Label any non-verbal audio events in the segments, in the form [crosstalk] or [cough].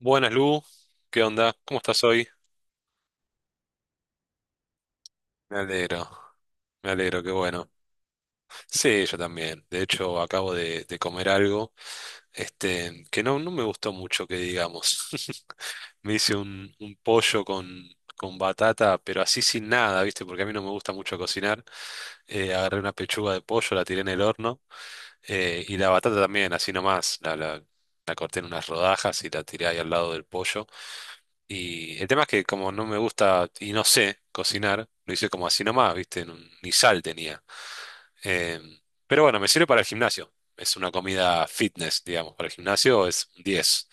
Buenas, Lu. ¿Qué onda? ¿Cómo estás hoy? Me alegro, me alegro, qué bueno. Sí, yo también. De hecho, acabo de comer algo, este, que no, no me gustó mucho, que digamos. [laughs] Me hice un pollo con batata, pero así sin nada, ¿viste? Porque a mí no me gusta mucho cocinar. Agarré una pechuga de pollo, la tiré en el horno, y la batata también, así nomás. La corté en unas rodajas y la tiré ahí al lado del pollo. Y el tema es que como no me gusta y no sé cocinar, lo hice como así nomás, ¿viste? Ni sal tenía. Em, pero bueno, me sirve para el gimnasio. Es una comida fitness, digamos. Para el gimnasio es un 10.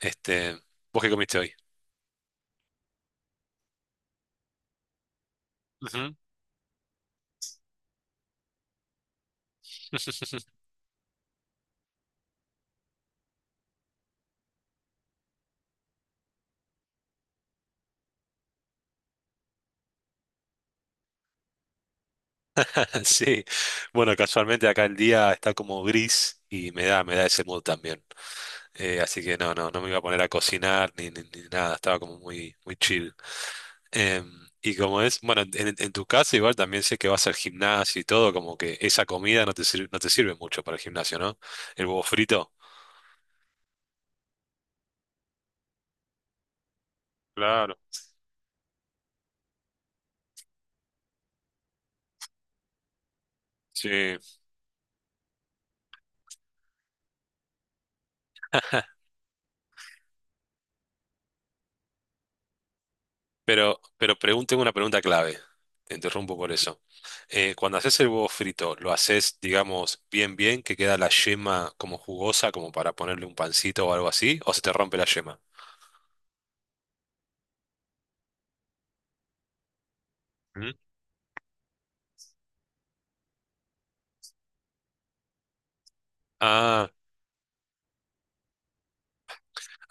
Este, ¿vos qué comiste hoy? Ujú. [laughs] [laughs] Sí, bueno, casualmente acá el día está como gris y me da ese mood también. Así que no, no, no me iba a poner a cocinar ni nada, estaba como muy, muy chill. Em, y como es, bueno, en tu casa igual también sé que vas al gimnasio y todo, como que esa comida no te sirve, no te sirve mucho para el gimnasio, ¿no? El huevo frito. Claro. Sí. [laughs] Pero tengo una pregunta clave. Te interrumpo por eso. Cuando haces el huevo frito, lo haces, digamos, bien, bien, que queda la yema como jugosa, como para ponerle un pancito o algo así, o se te rompe la yema. ¿Mm? Ah,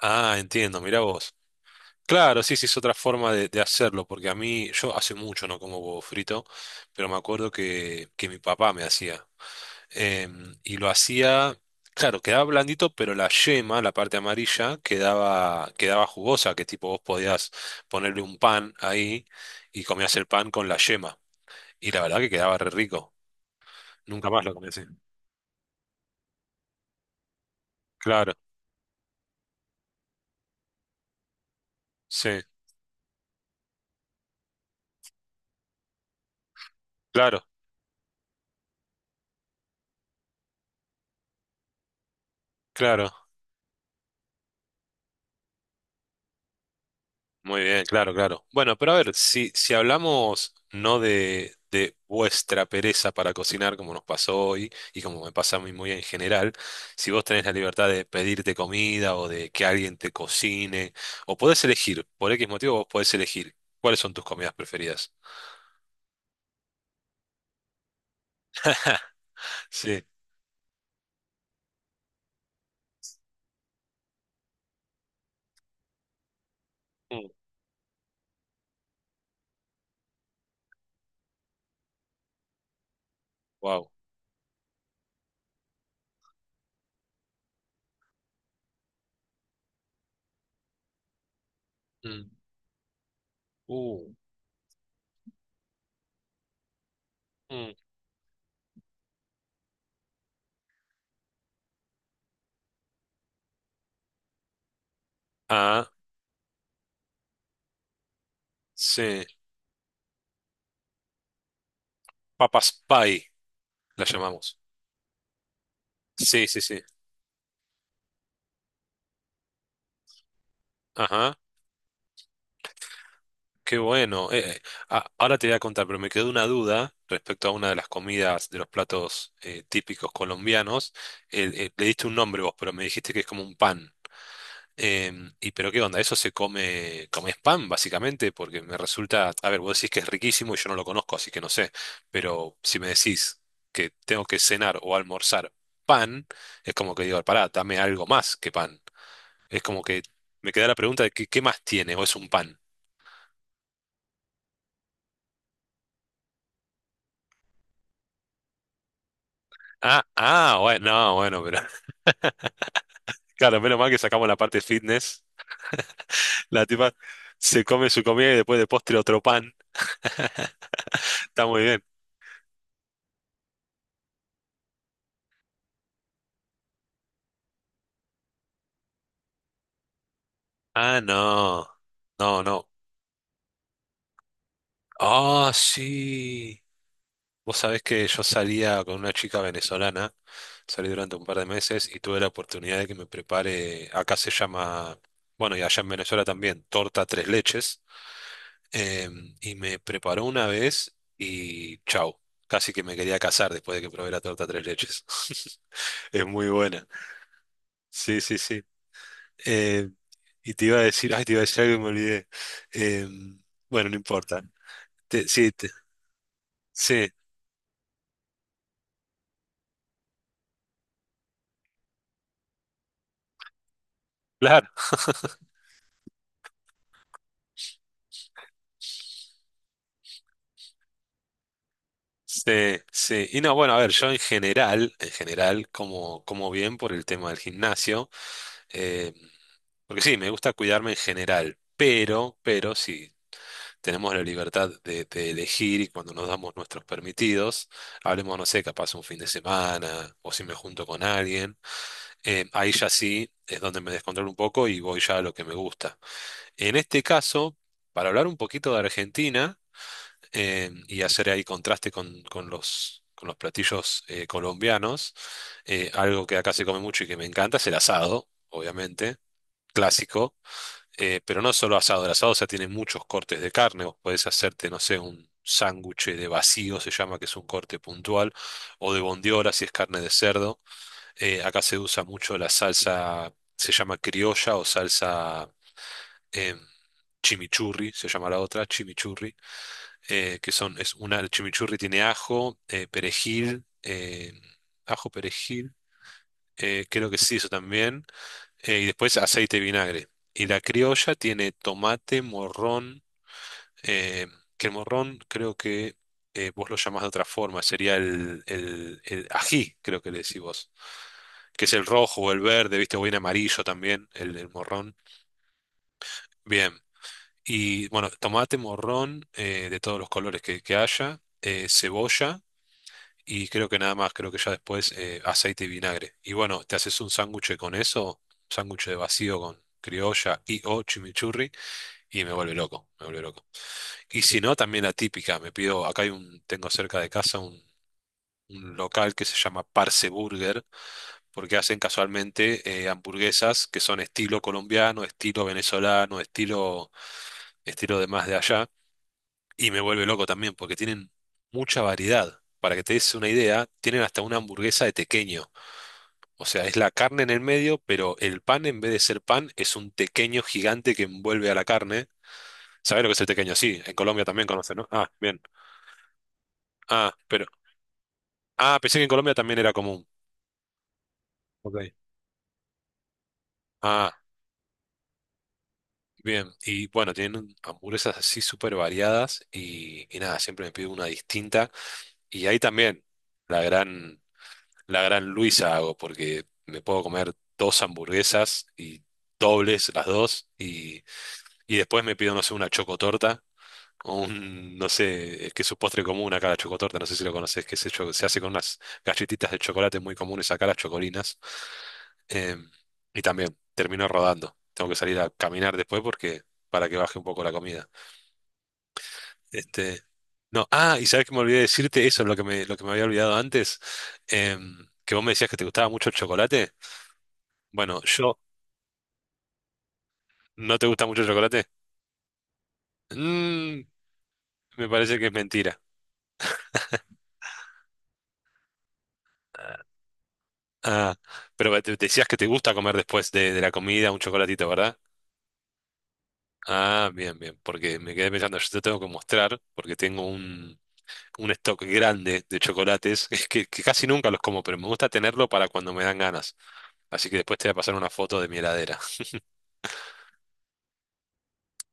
ah, entiendo, mirá vos. Claro, sí, sí, es otra forma de hacerlo, porque a mí, yo hace mucho no como huevo frito, pero me acuerdo que mi papá me hacía. Y lo hacía, claro, quedaba blandito, pero la yema, la parte amarilla, quedaba jugosa, que tipo vos podías ponerle un pan ahí y comías el pan con la yema. Y la verdad que quedaba re rico. Nunca más lo comí así. Claro, sí, claro, claro. Muy bien, claro, claro. Bueno, pero a ver, si hablamos no de vuestra pereza para cocinar, como nos pasó hoy y como me pasa a mí muy en general, si vos tenés la libertad de pedirte comida o de que alguien te cocine, o podés elegir, por X motivo vos podés elegir cuáles son tus comidas preferidas. [laughs] Sí. Wow. Uh, mm. Ah, sí. Papas pie, la llamamos. Sí, sí, sí. Ajá, qué bueno. Ahora te voy a contar, pero me quedó una duda respecto a una de las comidas de los platos típicos colombianos. Le diste un nombre vos, pero me dijiste que es como un pan. Y pero qué onda, eso se come, como es pan, básicamente, porque me resulta, a ver, vos decís que es riquísimo y yo no lo conozco, así que no sé, pero si me decís que tengo que cenar o almorzar pan, es como que digo, pará, dame algo más que pan. Es como que me queda la pregunta de qué más tiene o es un pan. Ah, ah, bueno, no, bueno, pero [laughs] claro, menos mal que sacamos la parte fitness. La tipa se come su comida y después de postre otro pan. [laughs] Está muy bien. Ah, no, no, no. Ah, sí. Vos sabés que yo salía con una chica venezolana, salí durante un par de meses y tuve la oportunidad de que me prepare, acá se llama, bueno, y allá en Venezuela también, torta tres leches. Y me preparó una vez y chau, casi que me quería casar después de que probé la torta tres leches. [laughs] Es muy buena. Sí, sí, sí. Eh, y te iba a decir, ay, te iba a decir algo y me olvidé. Em, bueno, no importa. Sí, sí, claro. Sí, sí. Y no, bueno, a ver, yo en general, como bien por el tema del gimnasio, eh, porque sí, me gusta cuidarme en general, pero sí. Tenemos la libertad de elegir y cuando nos damos nuestros permitidos, hablemos, no sé, capaz un fin de semana o si me junto con alguien, ahí ya sí es donde me descontrolo un poco y voy ya a lo que me gusta. En este caso, para hablar un poquito de Argentina y hacer ahí contraste con, con los platillos colombianos, algo que acá se come mucho y que me encanta es el asado, obviamente, clásico. Pero no solo asado, el asado, o sea, tiene muchos cortes de carne. Vos podés hacerte, no sé, un sándwich de vacío, se llama, que es un corte puntual, o de bondiola, si es carne de cerdo. Acá se usa mucho la salsa, se llama criolla o salsa em, chimichurri, se llama la otra, chimichurri, que son, es una, el chimichurri tiene ajo, perejil, ajo, perejil, creo que sí, eso también, y después aceite y vinagre. Y la criolla tiene tomate, morrón, eh, que el morrón creo que vos lo llamás de otra forma, sería el ají, creo que le decís vos, que es el rojo o el verde, viste, o bien amarillo también, el morrón. Bien, y bueno, tomate, morrón de todos los colores que haya, cebolla. Y creo que nada más, creo que ya después aceite y vinagre. Y bueno, te haces un sándwich con eso, sándwich de vacío con criolla y o chimichurri, y me vuelve loco, me vuelve loco. Y si no, también la típica. Me pido, acá hay tengo cerca de casa un local que se llama Parce Burger, porque hacen casualmente hamburguesas que son estilo colombiano, estilo venezolano, estilo de más de allá. Y me vuelve loco también, porque tienen mucha variedad. Para que te des una idea, tienen hasta una hamburguesa de tequeño. O sea, es la carne en el medio, pero el pan, en vez de ser pan, es un tequeño gigante que envuelve a la carne. ¿Sabés lo que es el tequeño? Sí, en Colombia también conocen, ¿no? Ah, bien. Ah, ah, pensé que en Colombia también era común. Ok. Ah, bien. Y bueno, tienen hamburguesas así súper variadas y nada, siempre me pido una distinta. Y ahí también la gran, la gran Luisa hago porque me puedo comer dos hamburguesas y dobles las dos y después me pido, no sé, una chocotorta o no sé, es que es su postre común acá, la chocotorta, no sé si lo conoces, que se hace con unas galletitas de chocolate muy comunes acá, las chocolinas. Em, y también termino rodando. Tengo que salir a caminar después porque para que baje un poco la comida. Este, no, ah, y sabes que me olvidé decirte eso, lo que me había olvidado antes, que vos me decías que te gustaba mucho el chocolate. Bueno, ¿no te gusta mucho el chocolate? Mm, me parece que es mentira. Ah, pero decías que te gusta comer después de la comida un chocolatito, ¿verdad? Ah, bien, bien, porque me quedé pensando, yo te tengo que mostrar, porque tengo un stock grande de chocolates, [laughs] que casi nunca los como, pero me gusta tenerlo para cuando me dan ganas. Así que después te voy a pasar una foto de mi heladera. [laughs]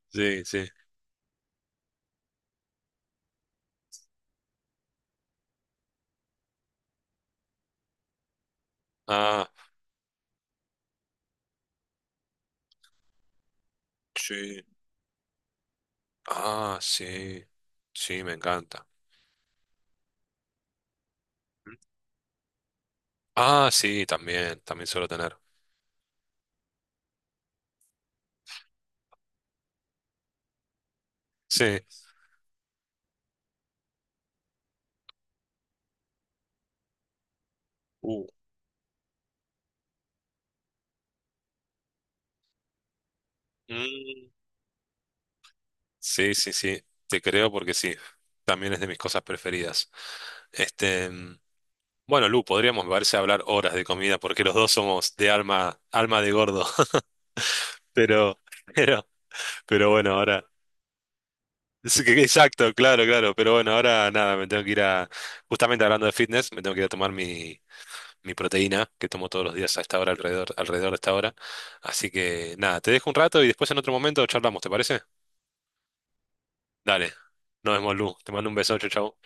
Sí, sí. Ah, sí. Ah, sí. Sí, me encanta. Ah, sí, también suelo tener. Sí. Uh. Mm. Sí, sí, sí, te creo porque sí, también es de mis cosas preferidas. Este, bueno, Lu, podríamos, me parece, hablar horas de comida porque los dos somos de alma de gordo. [laughs] Pero, pero, pero, bueno, ahora. Sí, que Exacto, claro, claro. Pero bueno, ahora nada, me tengo que ir a, justamente hablando de fitness, me tengo que ir a tomar mi, mi proteína que tomo todos los días a esta hora, alrededor de esta hora. Así que nada, te dejo un rato y después en otro momento charlamos, ¿te parece? Dale, nos vemos, Lu. Te mando un beso, chau, chau.